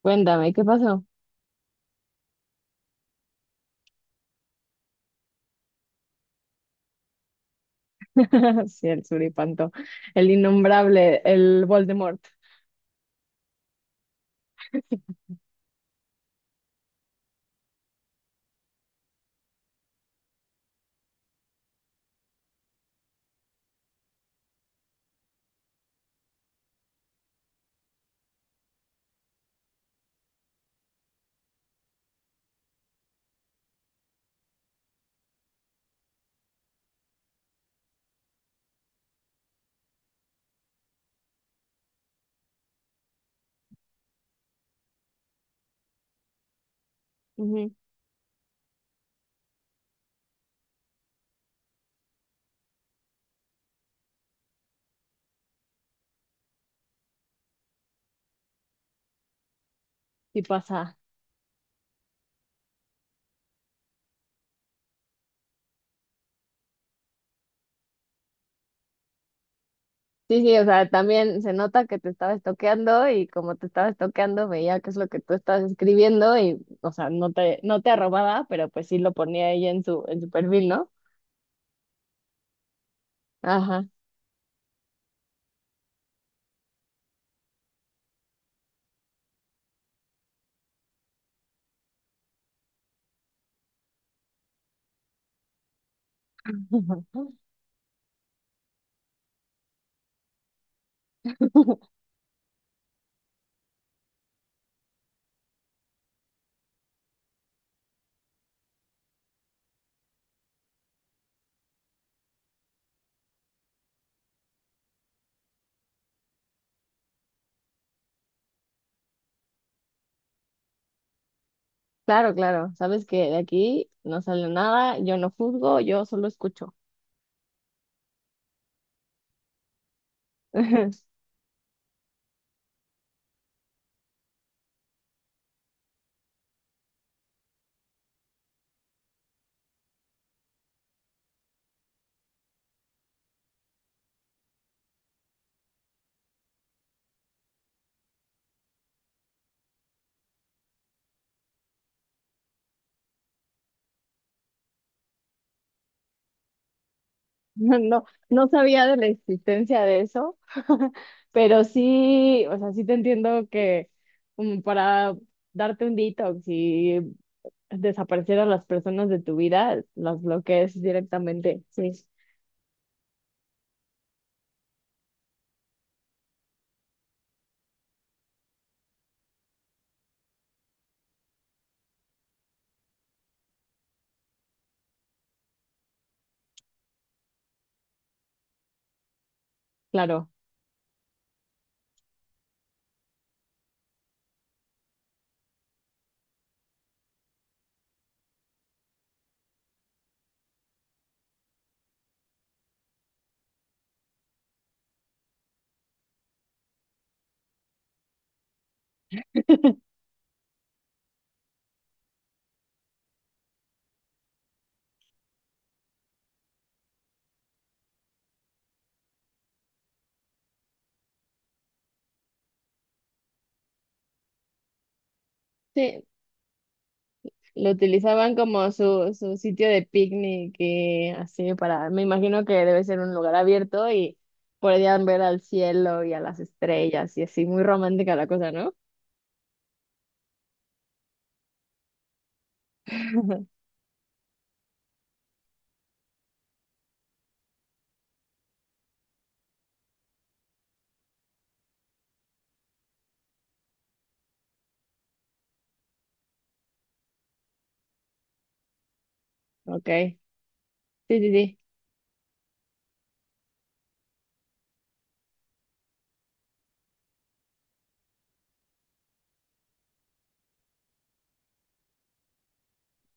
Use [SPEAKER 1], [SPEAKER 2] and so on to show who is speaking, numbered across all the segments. [SPEAKER 1] Cuéntame, ¿qué pasó? Sí, el suripanto, el innombrable, el Voldemort. Ujú. Sí pasa. Sí, sí, o sea, también se nota que te estaba estoqueando y como te estaba estoqueando veía qué es lo que tú estabas escribiendo y, o sea, no te arrobaba, pero pues sí lo ponía ella en su perfil, ¿no? Ajá. Claro, claro. Sabes que de aquí no sale nada, yo no juzgo, yo solo escucho. No, no, no sabía de la existencia de eso, pero sí, o sea, sí te entiendo que para darte un detox y desaparecer a las personas de tu vida, las bloquees directamente. Sí, claro. Sí, lo utilizaban como su sitio de picnic y así para, me imagino que debe ser un lugar abierto y podían ver al cielo y a las estrellas y así, muy romántica la cosa, ¿no? Ok, sí, sí, sí.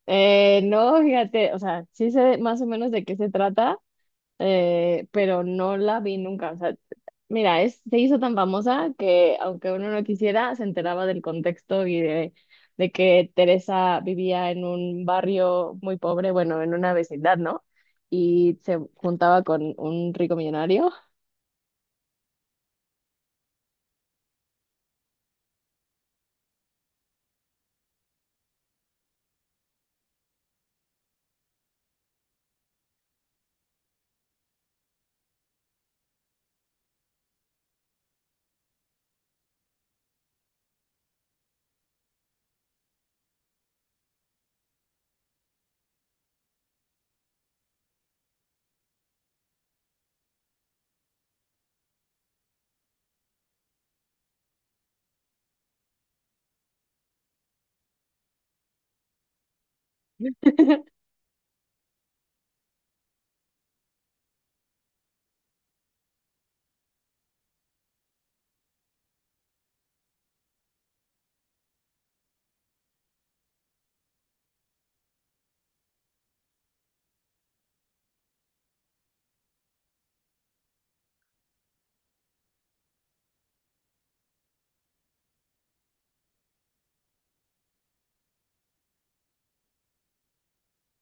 [SPEAKER 1] No, fíjate, o sea, sí sé más o menos de qué se trata, pero no la vi nunca. O sea, mira, se hizo tan famosa que aunque uno no quisiera, se enteraba del contexto y de que Teresa vivía en un barrio muy pobre, bueno, en una vecindad, ¿no? Y se juntaba con un rico millonario.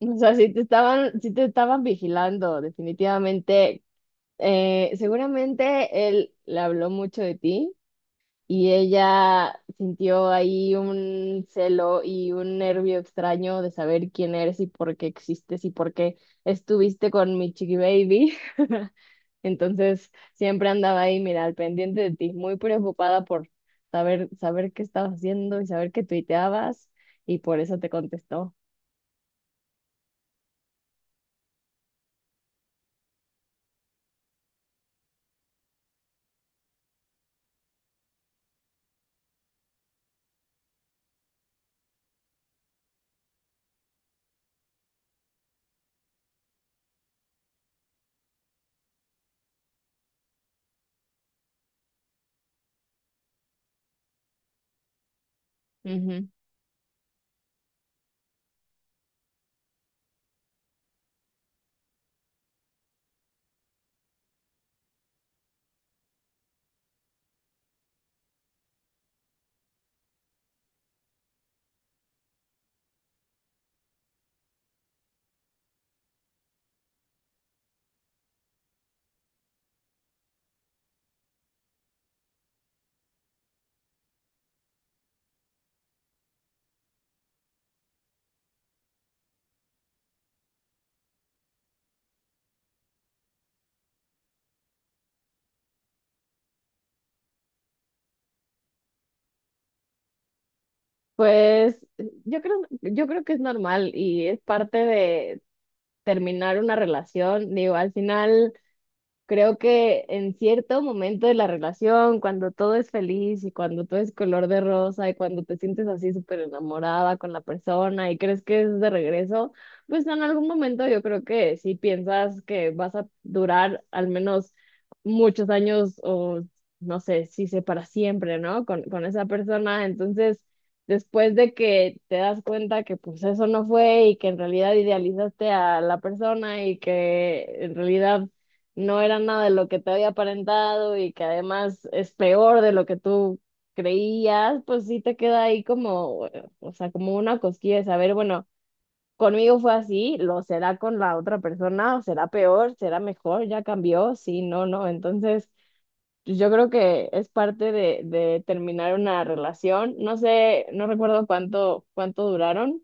[SPEAKER 1] O sea, sí te estaban vigilando, definitivamente. Seguramente él le habló mucho de ti y ella sintió ahí un celo y un nervio extraño de saber quién eres y por qué existes y por qué estuviste con mi chiqui baby. Entonces siempre andaba ahí, mira, al pendiente de ti, muy preocupada por saber qué estabas haciendo y saber qué tuiteabas y por eso te contestó. Ujú. Pues yo creo, yo creo que es normal y es parte de terminar una relación. Digo, al final creo que en cierto momento de la relación, cuando todo es feliz y cuando todo es color de rosa y cuando te sientes así súper enamorada con la persona y crees que es de regreso, pues en algún momento yo creo que si piensas que vas a durar al menos muchos años o no sé, si sé para siempre, ¿no? Con esa persona, entonces después de que te das cuenta que pues eso no fue y que en realidad idealizaste a la persona y que en realidad no era nada de lo que te había aparentado y que además es peor de lo que tú creías, pues sí te queda ahí como, o sea, como una cosquilla de saber, bueno, conmigo fue así, lo será con la otra persona, será peor, será mejor, ya cambió, sí, no, no, entonces pues yo creo que es parte de terminar una relación, no sé, no recuerdo cuánto duraron,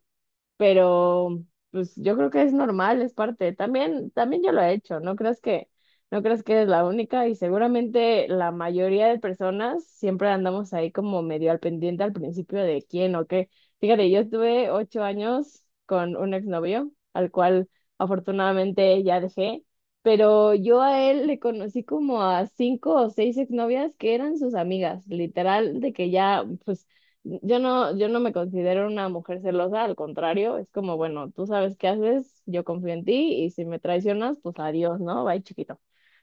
[SPEAKER 1] pero pues yo creo que es normal, es parte. También, también yo lo he hecho, no creas que eres la única y seguramente la mayoría de personas siempre andamos ahí como medio al pendiente al principio de quién o qué. Fíjate, yo estuve 8 años con un exnovio, al cual afortunadamente ya dejé. Pero yo a él le conocí como a cinco o seis exnovias que eran sus amigas, literal, de que ya, pues yo no me considero una mujer celosa, al contrario, es como, bueno, tú sabes qué haces, yo confío en ti y si me traicionas, pues adiós, ¿no? Bye, chiquito.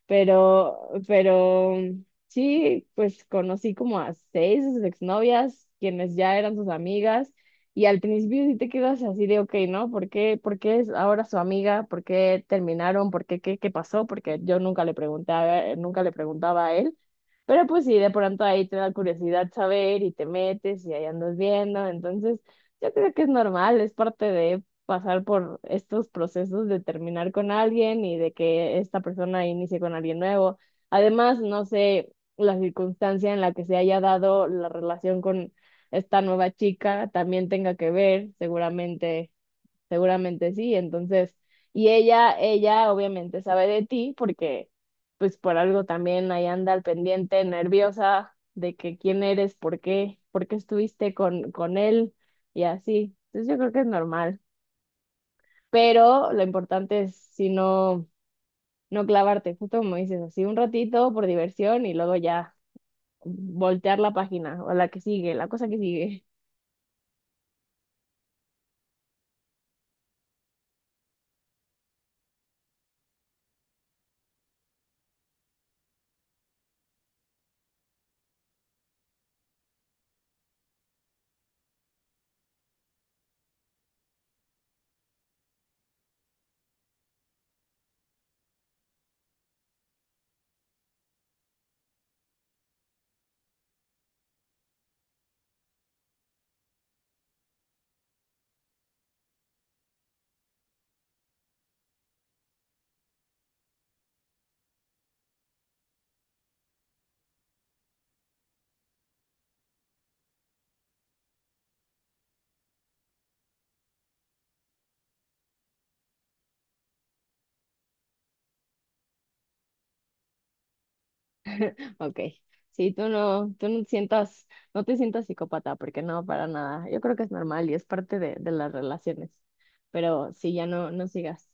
[SPEAKER 1] Pero, sí, pues conocí como a seis de sus exnovias, quienes ya eran sus amigas, y al principio sí te quedas así de, ok, ¿no? ¿Por qué es ahora su amiga? ¿Por qué terminaron? ¿Por qué, qué pasó? Porque yo nunca le nunca le preguntaba a él. Pero pues sí, de pronto ahí te da curiosidad saber y te metes y ahí andas viendo. Entonces, yo creo que es normal, es parte de pasar por estos procesos de terminar con alguien y de que esta persona inicie con alguien nuevo. Además, no sé la circunstancia en la que se haya dado la relación con esta nueva chica también tenga que ver, seguramente. Seguramente sí, entonces, y ella obviamente sabe de ti porque pues por algo también ahí anda al pendiente, nerviosa de que quién eres, por qué estuviste con él y así. Entonces yo creo que es normal, pero lo importante es si no, clavarte, justo como dices, así un ratito por diversión y luego ya voltear la página o la que sigue, la cosa que sigue. Ok, sí, tú no sientas, no te sientas psicópata, porque no, para nada. Yo creo que es normal y es parte de las relaciones. Pero sí, ya no sigas.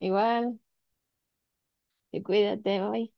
[SPEAKER 1] Igual, y cuídate, bye.